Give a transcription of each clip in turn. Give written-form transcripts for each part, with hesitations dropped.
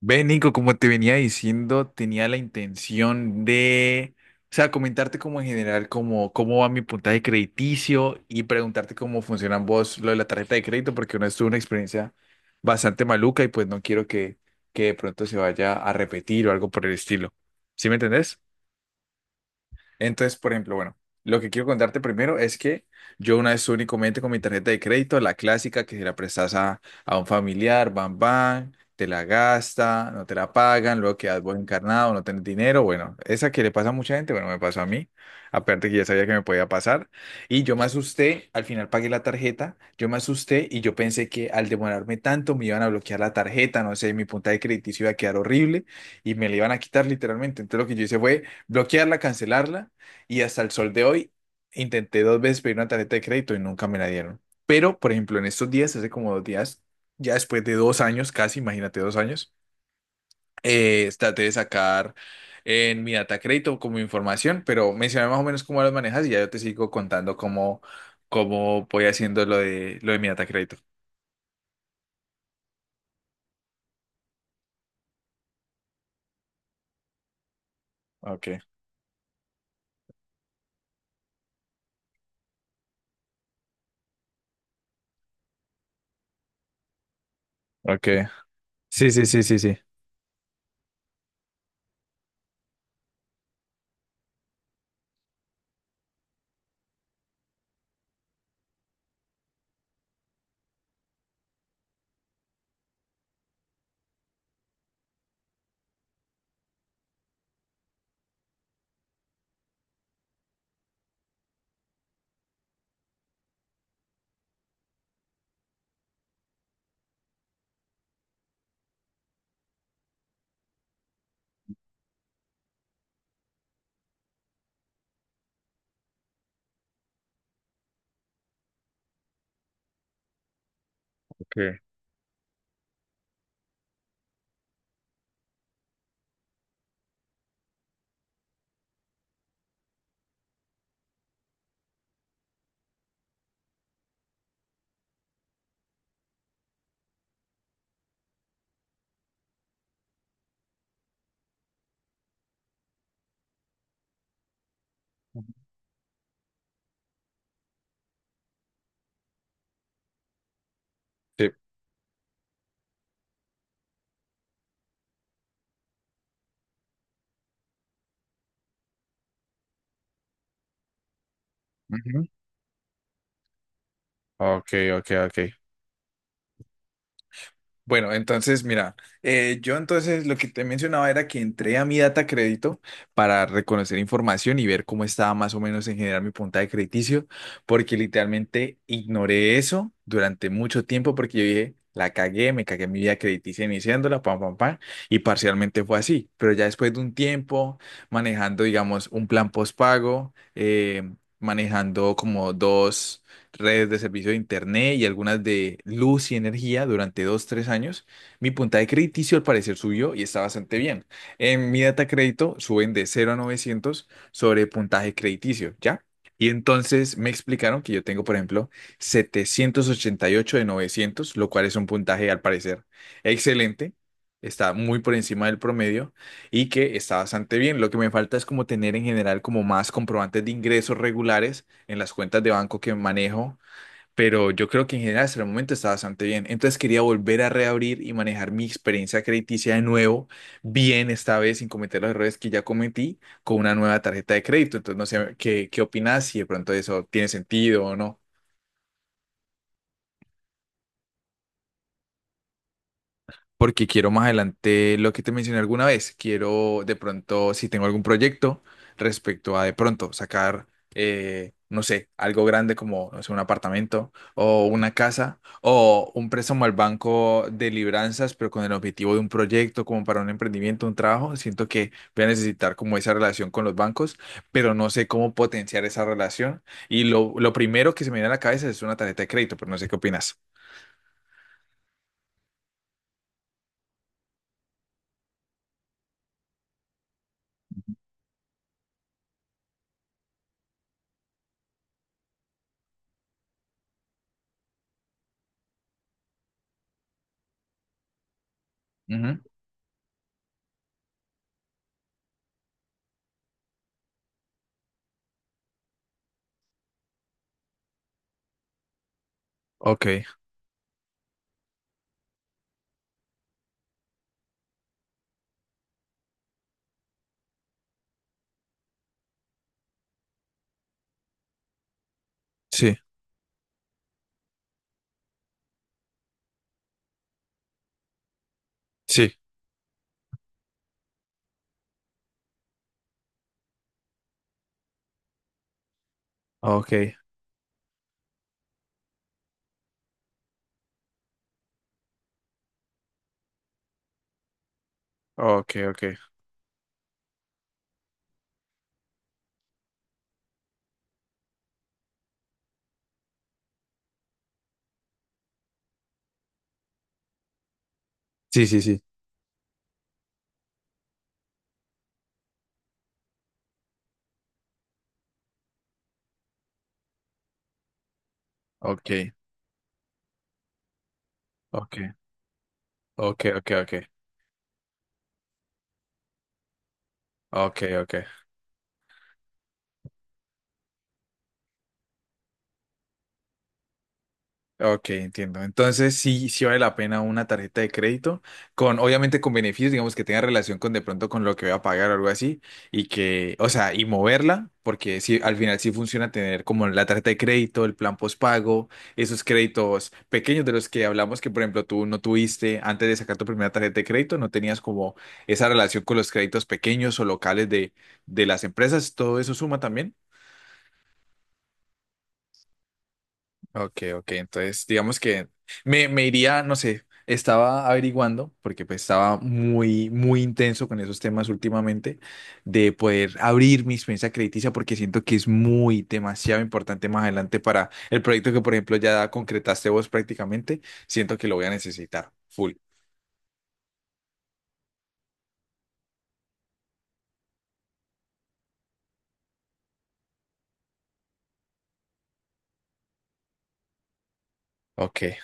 Ve, Nico, como te venía diciendo, tenía la intención de, o sea, comentarte como en general cómo va mi puntaje crediticio y preguntarte cómo funcionan vos lo de la tarjeta de crédito, porque una vez tuve una experiencia bastante maluca y pues no quiero que de pronto se vaya a repetir o algo por el estilo. ¿Sí me entendés? Entonces, por ejemplo, bueno, lo que quiero contarte primero es que yo una vez únicamente con mi tarjeta de crédito, la clásica que se la prestas a un familiar, bam, bam, te la gasta, no te la pagan, luego quedas vos encarnado, no tenés dinero, bueno, esa que le pasa a mucha gente, bueno, me pasó a mí, aparte que ya sabía que me podía pasar, y yo me asusté, al final pagué la tarjeta, yo me asusté y yo pensé que al demorarme tanto me iban a bloquear la tarjeta, no sé, mi puntaje crediticio iba a quedar horrible y me la iban a quitar literalmente, entonces lo que yo hice fue bloquearla, cancelarla y hasta el sol de hoy intenté 2 veces pedir una tarjeta de crédito y nunca me la dieron. Pero, por ejemplo, en estos días, hace como 2 días, ya después de 2 años, casi, imagínate 2 años, traté de sacar en mi data crédito como información, pero mencioné más o menos cómo las manejas y ya yo te sigo contando cómo voy haciendo lo de mi data crédito. Ok, ok. Sí, sí, sí, sí, sí. Okay. Sí. Ujú. Ok, ok, ok. Bueno, entonces, mira, yo entonces lo que te mencionaba era que entré a mi data crédito para reconocer información y ver cómo estaba más o menos en general mi puntaje crediticio, porque literalmente ignoré eso durante mucho tiempo porque yo dije, la cagué, me cagué en mi vida crediticia iniciándola, pam, pam, pam, y parcialmente fue así, pero ya después de un tiempo manejando, digamos, un plan postpago, manejando como dos redes de servicio de Internet y algunas de luz y energía durante 2, 3 años, mi puntaje crediticio al parecer subió y está bastante bien. En mi data crédito suben de 0 a 900 sobre puntaje crediticio, ¿ya? Y entonces me explicaron que yo tengo, por ejemplo, 788 de 900 lo cual es un puntaje al parecer excelente. Está muy por encima del promedio y que está bastante bien. Lo que me falta es como tener en general como más comprobantes de ingresos regulares en las cuentas de banco que manejo, pero yo creo que en general hasta el momento está bastante bien. Entonces quería volver a reabrir y manejar mi experiencia crediticia de nuevo, bien esta vez sin cometer los errores que ya cometí con una nueva tarjeta de crédito. Entonces no sé qué opinas, si de pronto eso tiene sentido o no. Porque quiero más adelante lo que te mencioné alguna vez. Quiero de pronto, si tengo algún proyecto respecto a de pronto sacar, no sé, algo grande como, no sé, un apartamento o una casa o un préstamo al banco de libranzas, pero con el objetivo de un proyecto como para un emprendimiento, un trabajo, siento que voy a necesitar como esa relación con los bancos, pero no sé cómo potenciar esa relación. Y lo primero que se me viene a la cabeza es una tarjeta de crédito, pero no sé qué opinas. Ujú. Ok, sí, sí, ok. Ok, ok. Sí, sí, sí. Ok, ok, ok, ok, ok, ok, ok. Ok, entiendo. Entonces sí, sí vale la pena una tarjeta de crédito con, obviamente con beneficios, digamos que tenga relación con de pronto con lo que voy a pagar o algo así y que, o sea, y moverla, porque sí, al final sí funciona tener como la tarjeta de crédito, el plan postpago, esos créditos pequeños de los que hablamos que, por ejemplo, tú no tuviste antes de sacar tu primera tarjeta de crédito, no tenías como esa relación con los créditos pequeños o locales de las empresas, todo eso suma también. Ok, ok, entonces digamos que me iría, no sé, estaba averiguando, porque pues estaba muy intenso con esos temas últimamente, de poder abrir mi experiencia crediticia, porque siento que es muy, demasiado importante más adelante para el proyecto que, por ejemplo, ya concretaste vos prácticamente, siento que lo voy a necesitar, full. Ok.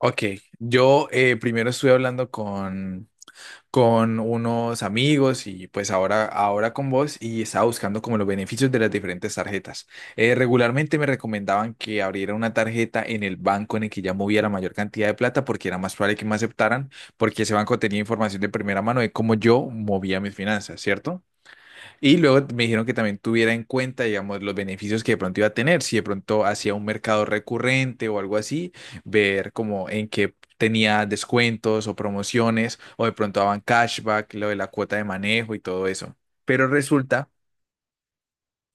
Ok, yo primero estuve hablando con unos amigos y pues ahora con vos y estaba buscando como los beneficios de las diferentes tarjetas. Regularmente me recomendaban que abriera una tarjeta en el banco en el que ya movía la mayor cantidad de plata porque era más probable que me aceptaran porque ese banco tenía información de primera mano de cómo yo movía mis finanzas, ¿cierto? Y luego me dijeron que también tuviera en cuenta, digamos, los beneficios que de pronto iba a tener, si de pronto hacía un mercado recurrente o algo así, ver como en qué tenía descuentos o promociones, o de pronto daban cashback, lo de la cuota de manejo y todo eso. Pero resulta,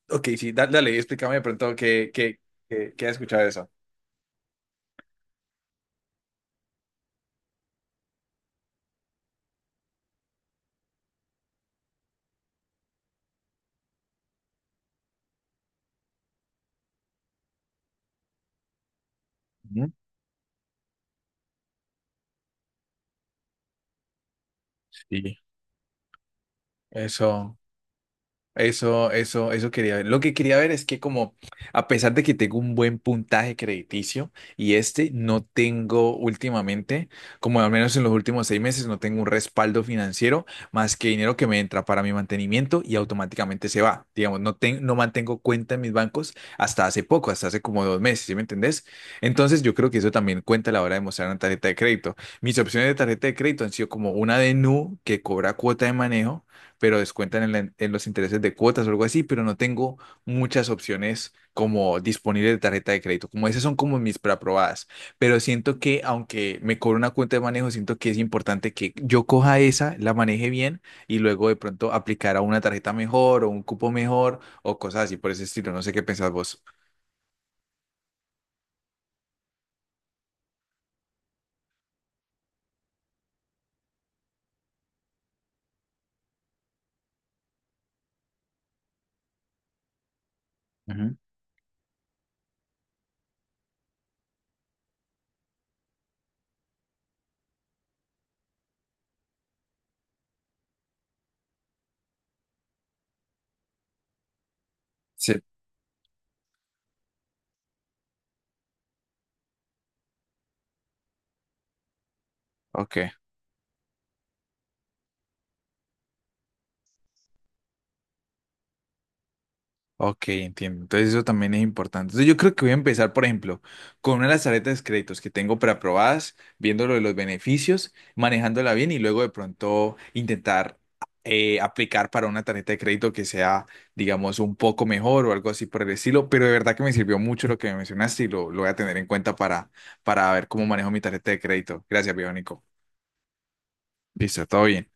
ok, sí, dale, explícame de pronto qué has escuchado de eso. Ujú. Sí. Eso. Eso quería ver. Lo que quería ver es que como, a pesar de que tengo un buen puntaje crediticio y este no tengo últimamente, como al menos en los últimos 6 meses, no tengo un respaldo financiero más que dinero que me entra para mi mantenimiento y automáticamente se va. Digamos, no, no mantengo cuenta en mis bancos hasta hace poco, hasta hace como 2 meses, ¿sí me entendés? Entonces yo creo que eso también cuenta a la hora de mostrar una tarjeta de crédito. Mis opciones de tarjeta de crédito han sido como una de Nu que cobra cuota de manejo pero descuentan en los intereses de cuotas o algo así, pero no tengo muchas opciones como disponibles de tarjeta de crédito. Como esas son como mis preaprobadas, pero siento que aunque me cobro una cuenta de manejo, siento que es importante que yo coja esa, la maneje bien y luego de pronto aplicar a una tarjeta mejor o un cupo mejor o cosas así por ese estilo. No sé qué pensás vos. Ujú. Sí, ok. Ok, entiendo. Entonces eso también es importante. Entonces yo creo que voy a empezar, por ejemplo, con una de las tarjetas de créditos que tengo preaprobadas, viendo lo de los beneficios, manejándola bien y luego de pronto intentar aplicar para una tarjeta de crédito que sea, digamos, un poco mejor o algo así por el estilo. Pero de verdad que me sirvió mucho lo que me mencionaste y lo voy a tener en cuenta para ver cómo manejo mi tarjeta de crédito. Gracias, Bionico. Listo, todo bien.